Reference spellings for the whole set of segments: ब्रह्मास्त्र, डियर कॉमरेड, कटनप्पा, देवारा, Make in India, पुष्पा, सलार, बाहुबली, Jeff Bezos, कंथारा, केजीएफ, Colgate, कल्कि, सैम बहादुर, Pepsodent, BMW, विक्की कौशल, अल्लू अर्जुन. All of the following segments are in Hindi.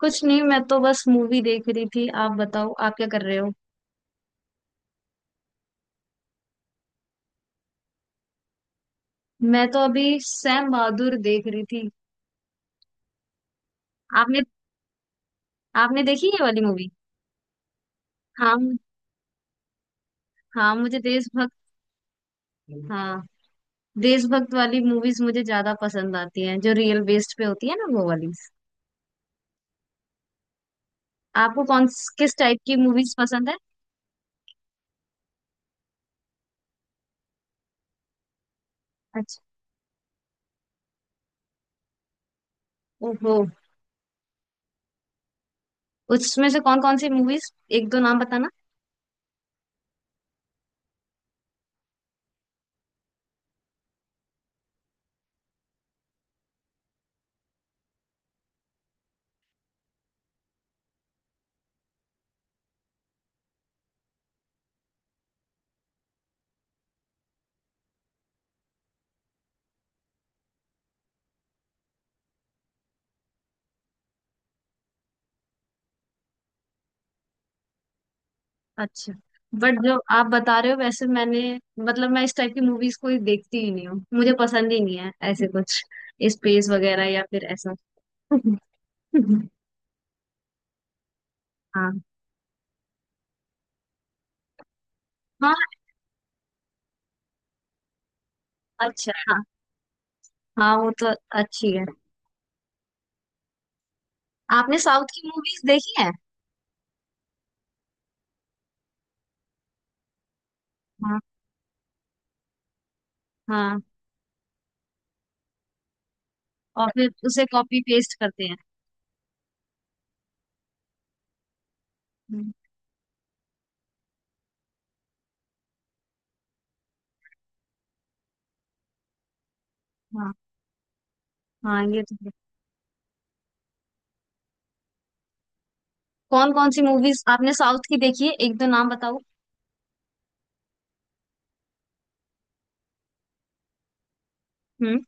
कुछ नहीं, मैं तो बस मूवी देख रही थी। आप बताओ, आप क्या कर रहे हो। मैं तो अभी सैम बहादुर देख रही थी। आपने, आपने देखी ये वाली मूवी। हाँ मु- हाँ, मुझे देशभक्त। हाँ। देशभक्त वाली मूवीज मुझे ज्यादा पसंद आती हैं, जो रियल बेस्ड पे होती है ना, वो वाली। आपको कौन, किस टाइप की मूवीज पसंद है। अच्छा। ओहो। उसमें से कौन कौन सी मूवीज, एक दो नाम बताना। अच्छा। बट जो आप बता रहे हो, वैसे मैंने, मतलब मैं इस टाइप की मूवीज कोई देखती ही नहीं हूँ। मुझे पसंद ही नहीं है ऐसे कुछ, स्पेस वगैरह या फिर ऐसा। हाँ। हाँ, अच्छा। हाँ हाँ वो तो, अच्छी है। आपने साउथ की मूवीज देखी है। हाँ। हाँ, और फिर उसे कॉपी पेस्ट करते हैं। हम्म। हाँ, हाँ ये तो है। कौन कौन सी मूवीज आपने साउथ की देखी है, एक दो नाम बताओ। हम्म।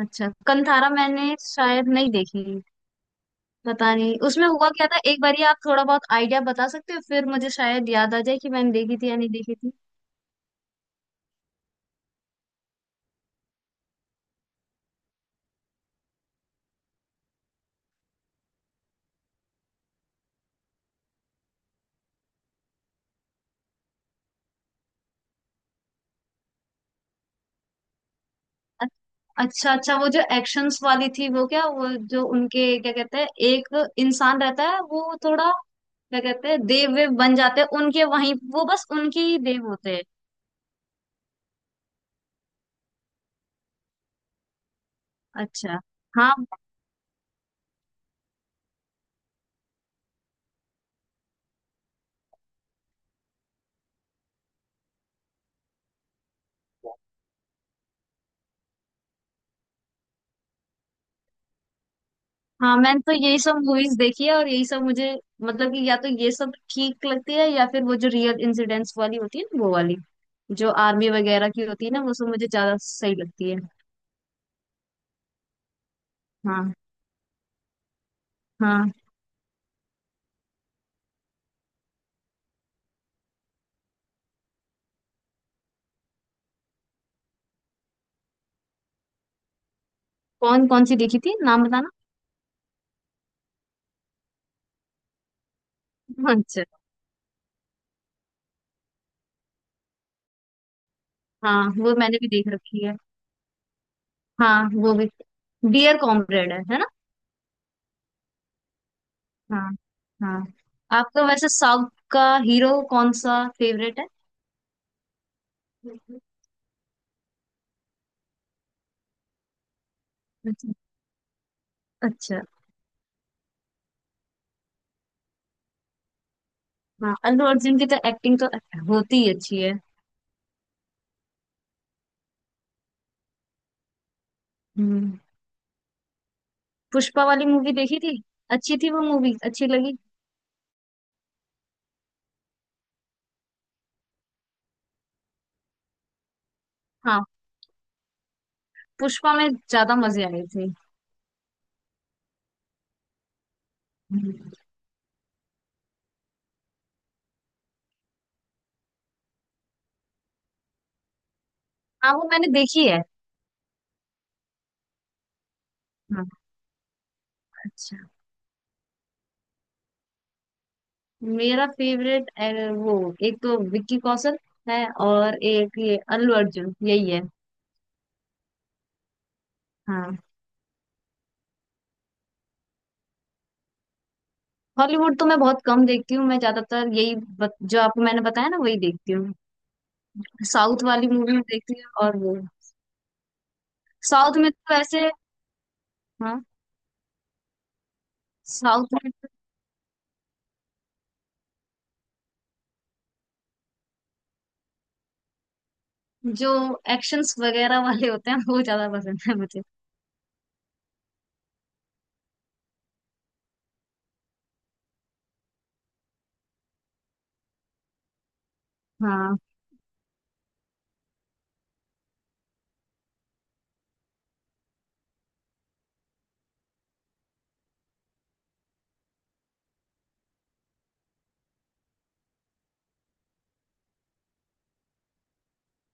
अच्छा, कंथारा मैंने शायद नहीं देखी। पता नहीं उसमें हुआ क्या था, एक बार आप थोड़ा बहुत आइडिया बता सकते हो, फिर मुझे शायद याद आ जाए कि मैंने देखी थी या नहीं देखी थी। अ- अच्छा, अच्छा, वो जो एक्शंस वाली थी, वो क्या वो जो उनके क्या कहते हैं, एक इंसान रहता है वो थोड़ा, क्या कहते हैं, देव वेव बन जाते हैं उनके, वहीं वो बस उनके ही देव होते हैं। अच्छा। हाँ। हाँ, मैंने तो यही सब मूवीज देखी है, और यही सब मुझे, मतलब कि या तो ये सब ठीक लगती है, या फिर वो जो रियल इंसिडेंट्स वाली होती है ना, वो वाली, जो आर्मी वगैरह की होती है ना, वो सब मुझे ज्यादा सही लगती है। हाँ। हाँ। कौन कौन सी देखी थी, नाम बताना। अच्छा। हाँ, वो मैंने भी देख रखी है। हाँ, वो भी। डियर कॉमरेड है ना। हाँ। हाँ, आपका वैसे साउथ का हीरो कौन सा फेवरेट है। अच्छा। अच्छा। हाँ, अल्लू अर्जुन की तो एक्टिंग तो होती ही अच्छी है। हम्म। पुष्पा वाली मूवी देखी थी, अच्छी थी वो मूवी, अच्छी लगी। हाँ, पुष्पा में ज्यादा मजे आए थे। हम्म। हाँ, वो मैंने देखी है। हाँ। अच्छा। मेरा फेवरेट, वो, एक तो विक्की कौशल है, और एक ये अल्लू अर्जुन, यही है। हाँ। हॉलीवुड तो मैं बहुत कम देखती हूँ। मैं ज्यादातर यही जो आपको मैंने बताया ना, वही देखती हूँ। साउथ वाली मूवी में देखती हूँ, और वो, साउथ में तो ऐसे। हाँ। साउथ में तो, जो एक्शंस वगैरह वाले होते हैं वो ज्यादा पसंद है मुझे। हाँ।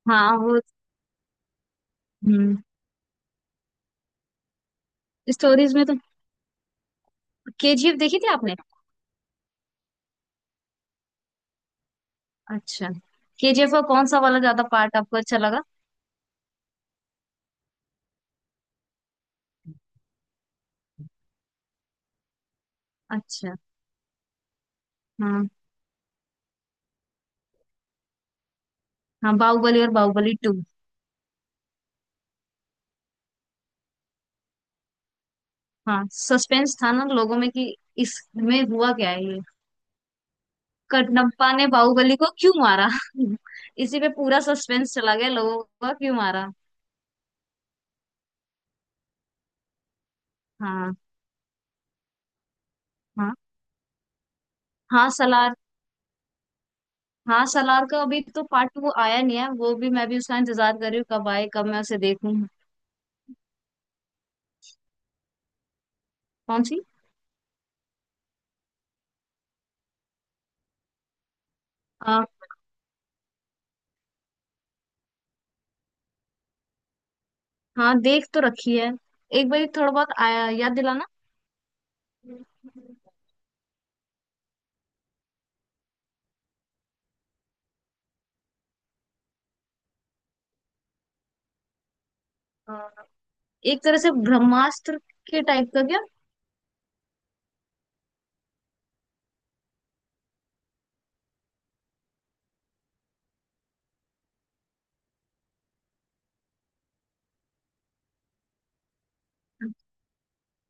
हाँ वो। हम्म, स्टोरीज में तो। केजीएफ देखी थी आपने। अच्छा। केजीएफ का कौन सा वाला ज्यादा पार्ट आपको अच्छा लगा। अच्छा। हाँ। हाँ, बाहुबली और बाहुबली टू। हाँ, सस्पेंस था ना लोगों में कि इसमें हुआ क्या है ये। कटनप्पा ने बाहुबली को क्यों मारा। इसी पे पूरा सस्पेंस चला गया लोगों का, क्यों मारा। हाँ। हाँ। हाँ सलार। हाँ, सलार का अभी तो पार्ट टू आया नहीं है, वो भी मैं भी उसका इंतजार कर रही हूँ, कब आए कब मैं उसे देखूँ। कौन सी। हाँ, देख तो रखी है, एक बार थोड़ा बहुत आया याद दिलाना। अ, एक तरह से ब्रह्मास्त्र के टाइप का क्या।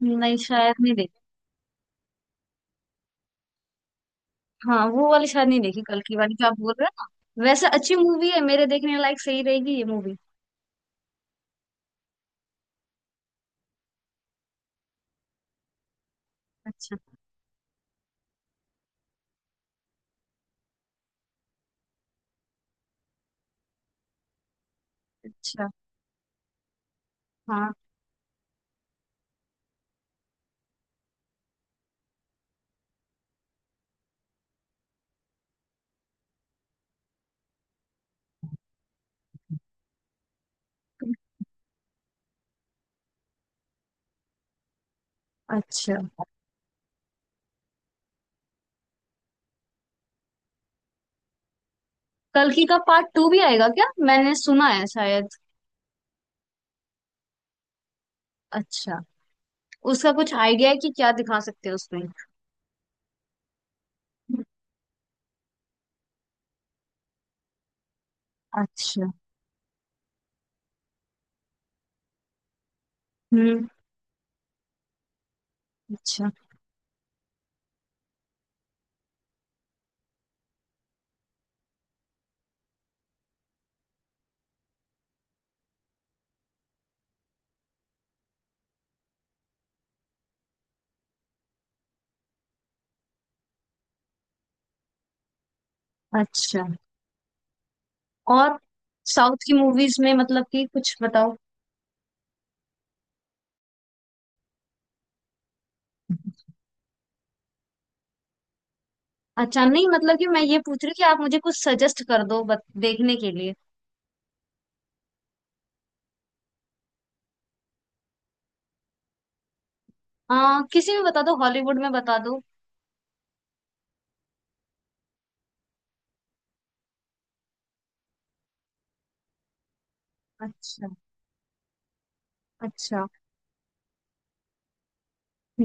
नहीं, शायद नहीं देखी। हाँ, वो वाली शायद नहीं देखी, कल की वाली जो आप बोल रहे हो ना, वैसे अच्छी मूवी है मेरे देखने लायक, सही रहेगी ये मूवी। अच्छा। अच्छा। हाँ। अच्छा, कल्कि का पार्ट टू भी आएगा क्या, मैंने सुना है शायद। अच्छा। उसका कुछ आइडिया है कि क्या दिखा सकते हैं उसमें। अच्छा। हम्म। अच्छा। अच्छा। और साउथ की मूवीज में, मतलब कि कुछ बताओ। अच्छा, नहीं, मतलब कि मैं ये पूछ रही हूँ कि आप मुझे कुछ सजेस्ट कर दो देखने के लिए। किसी में बता दो, हॉलीवुड में बता दो। अच्छा। अच्छा,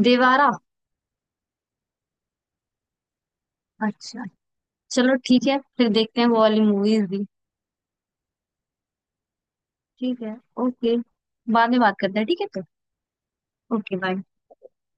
देवारा। अच्छा। चलो ठीक है, फिर देखते हैं वो वाली मूवीज भी। ठीक है। ओके, बाद में बात करते हैं, ठीक है। तो ओके, बाय।